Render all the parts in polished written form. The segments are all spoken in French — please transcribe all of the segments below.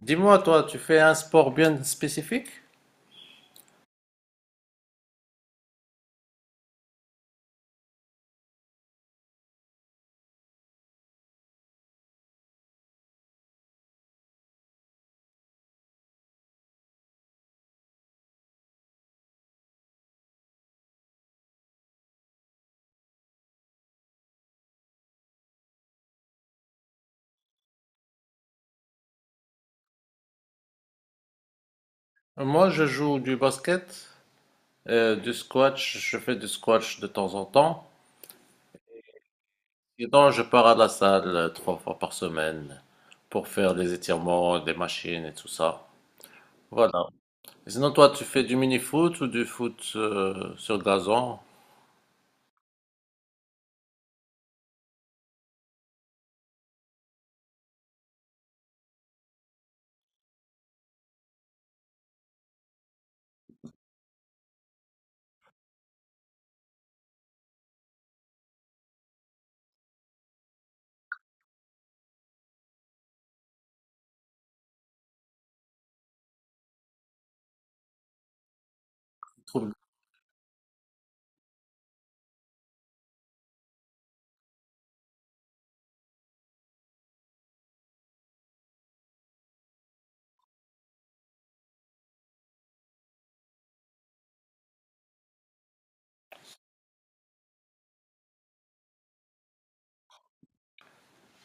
Dis-moi, toi, tu fais un sport bien spécifique? Moi, je joue du basket, du squash, je fais du squash de temps en temps. Et donc, je pars à la salle trois fois par semaine pour faire des étirements, des machines et tout ça. Voilà. Et sinon, toi, tu fais du mini-foot ou du foot sur gazon? Trouve-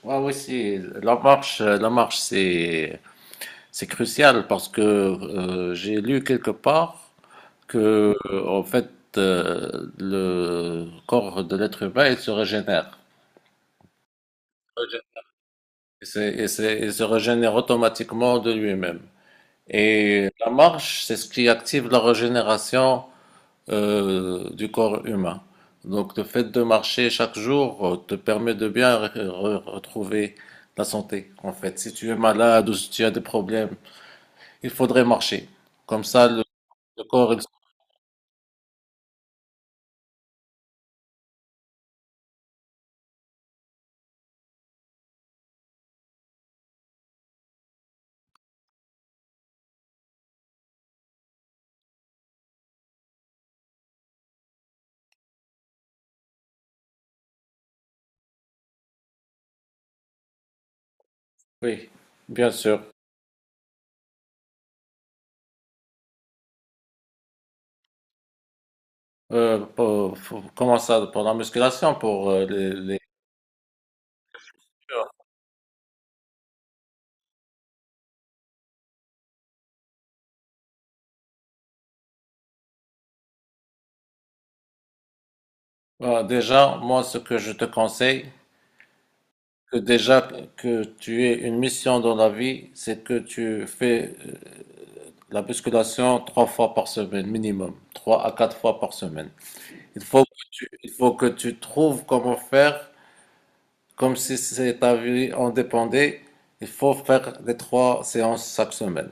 Ouais, oui, si. La marche, c'est crucial parce que j'ai lu quelque part. Que, en fait, le corps de l'être humain, il se régénère. Il se régénère automatiquement de lui-même. Et la marche, c'est ce qui active la régénération du corps humain. Donc le fait de marcher chaque jour te permet de bien retrouver la santé. En fait, si tu es malade ou si tu as des problèmes, il faudrait marcher. Comme ça, le corps, il... Oui, bien sûr. Comment ça, pour la musculation, pour euh, les... Voilà, déjà, moi, ce que je te conseille, que déjà que tu aies une mission dans la vie, c'est que tu fais la musculation trois fois par semaine minimum, trois à quatre fois par semaine. Il faut que tu trouves comment faire, comme si c'est ta vie en dépendait. Il faut faire les trois séances chaque semaine.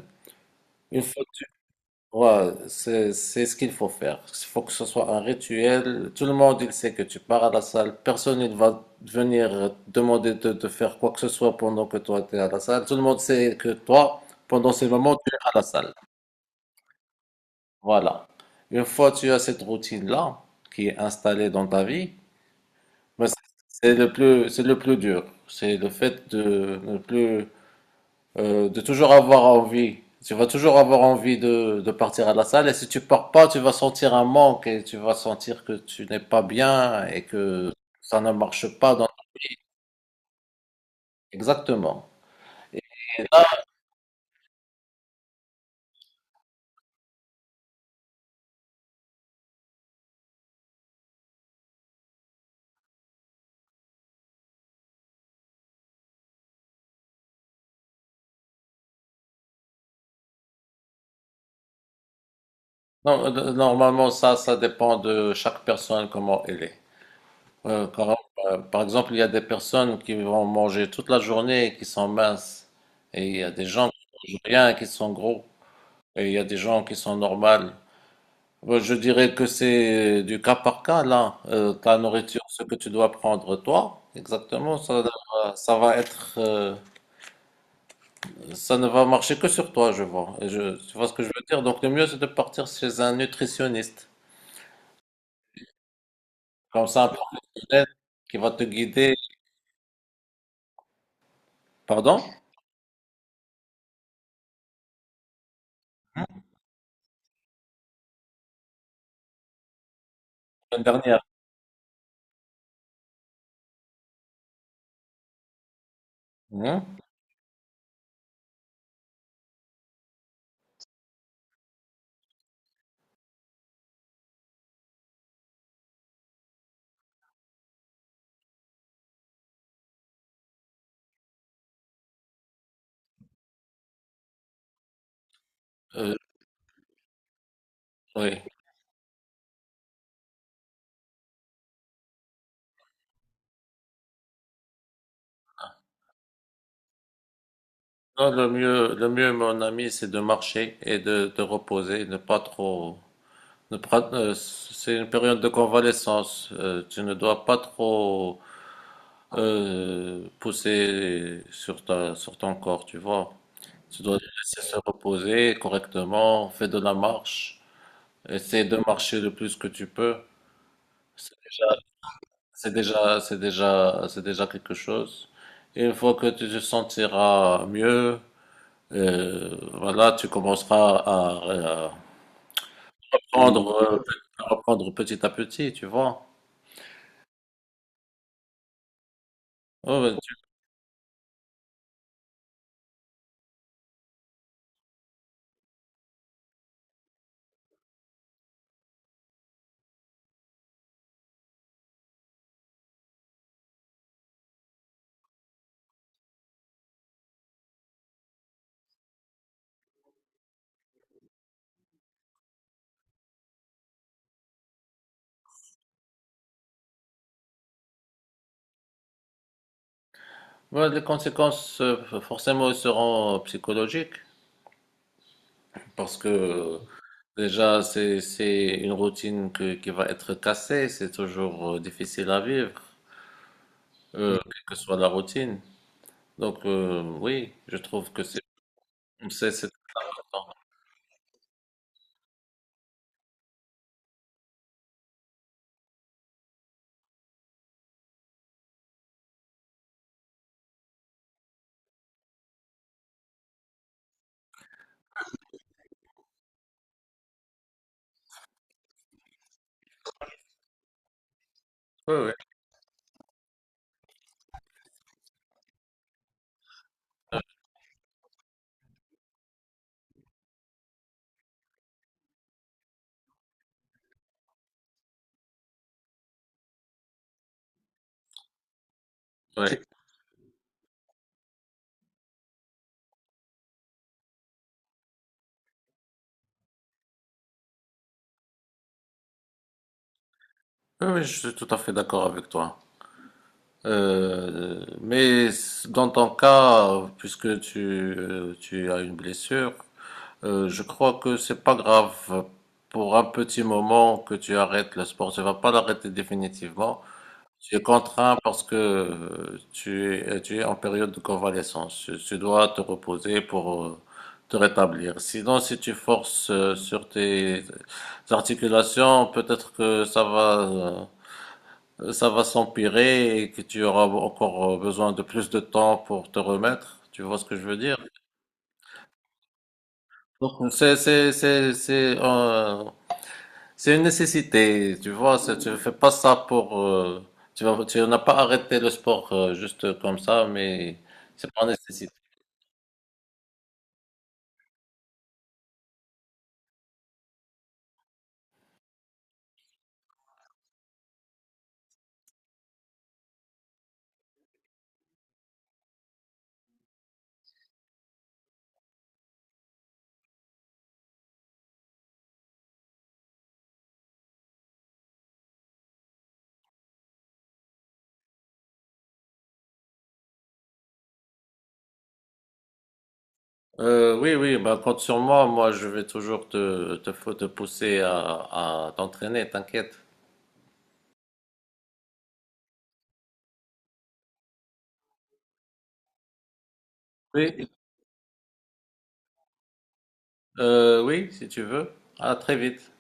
Une fois ouais, c'est ce qu'il faut faire. Il faut que ce soit un rituel. Tout le monde, il sait que tu pars à la salle. Personne ne va venir demander de faire quoi que ce soit pendant que toi, tu es à la salle. Tout le monde sait que toi, pendant ces moments, tu es à la salle. Voilà. Une fois que tu as cette routine-là, qui est installée dans ta vie, mais c'est le plus dur. C'est le fait de ne plus de toujours avoir envie. Tu vas toujours avoir envie de partir à la salle et si tu pars pas, tu vas sentir un manque et tu vas sentir que tu n'es pas bien et que ça ne marche pas dans... Exactement. Et là, normalement, ça dépend de chaque personne, comment elle est. Euh, quand- euh, par exemple, il y a des personnes qui vont manger toute la journée et qui sont minces. Et il y a des gens qui mangent rien et qui sont gros. Et il y a des gens qui sont normales. Moi, je dirais que c'est du cas par cas, là. Ta nourriture, ce que tu dois prendre toi, exactement, ça, ça va être, ça ne va marcher que sur toi, je vois. Tu vois ce que je veux dire? Donc, le mieux, c'est de partir chez un nutritionniste, comme ça, un professionnel qui va te guider. Pardon? Une dernière. Mhm. Euh, oui. Non, le mieux, mon ami, c'est de marcher et de te reposer, ne pas trop. Ne pas... c'est une période de convalescence. Tu ne dois pas trop pousser sur ton corps, tu vois. Tu dois les laisser se reposer correctement, fais de la marche, essaie de marcher le plus que tu peux. C'est déjà, c'est déjà quelque chose. Et une fois que tu te sentiras mieux, voilà, tu commenceras à, à reprendre, euh, à reprendre petit à petit, tu vois. Ouais, ouais, les conséquences, forcément, seront psychologiques parce que déjà, c'est une routine qui va être cassée. C'est toujours difficile à vivre, quelle que soit la routine. Donc, oui, je trouve que c'est important. Oui, oui, oui. Oui, oui, je suis tout à fait d'accord avec toi. Mais dans ton cas, puisque tu as une blessure, je crois que c'est pas grave pour un petit moment que tu arrêtes le sport. Tu vas pas l'arrêter définitivement. Tu es contraint parce que tu es en période de convalescence. Tu dois te reposer pour te rétablir. Sinon, si tu forces sur tes articulations, peut-être que ça va s'empirer et que tu auras encore besoin de plus de temps pour te remettre. Tu vois ce que je veux dire? Donc, c'est une nécessité, tu vois, tu fais pas ça pour... Tu n'as pas arrêté le sport juste comme ça, mais c'est pas une nécessité. Oui, oui, bah, compte sur moi, moi je vais toujours te pousser à t'entraîner, t'inquiète. Oui, oui, si tu veux. À très vite.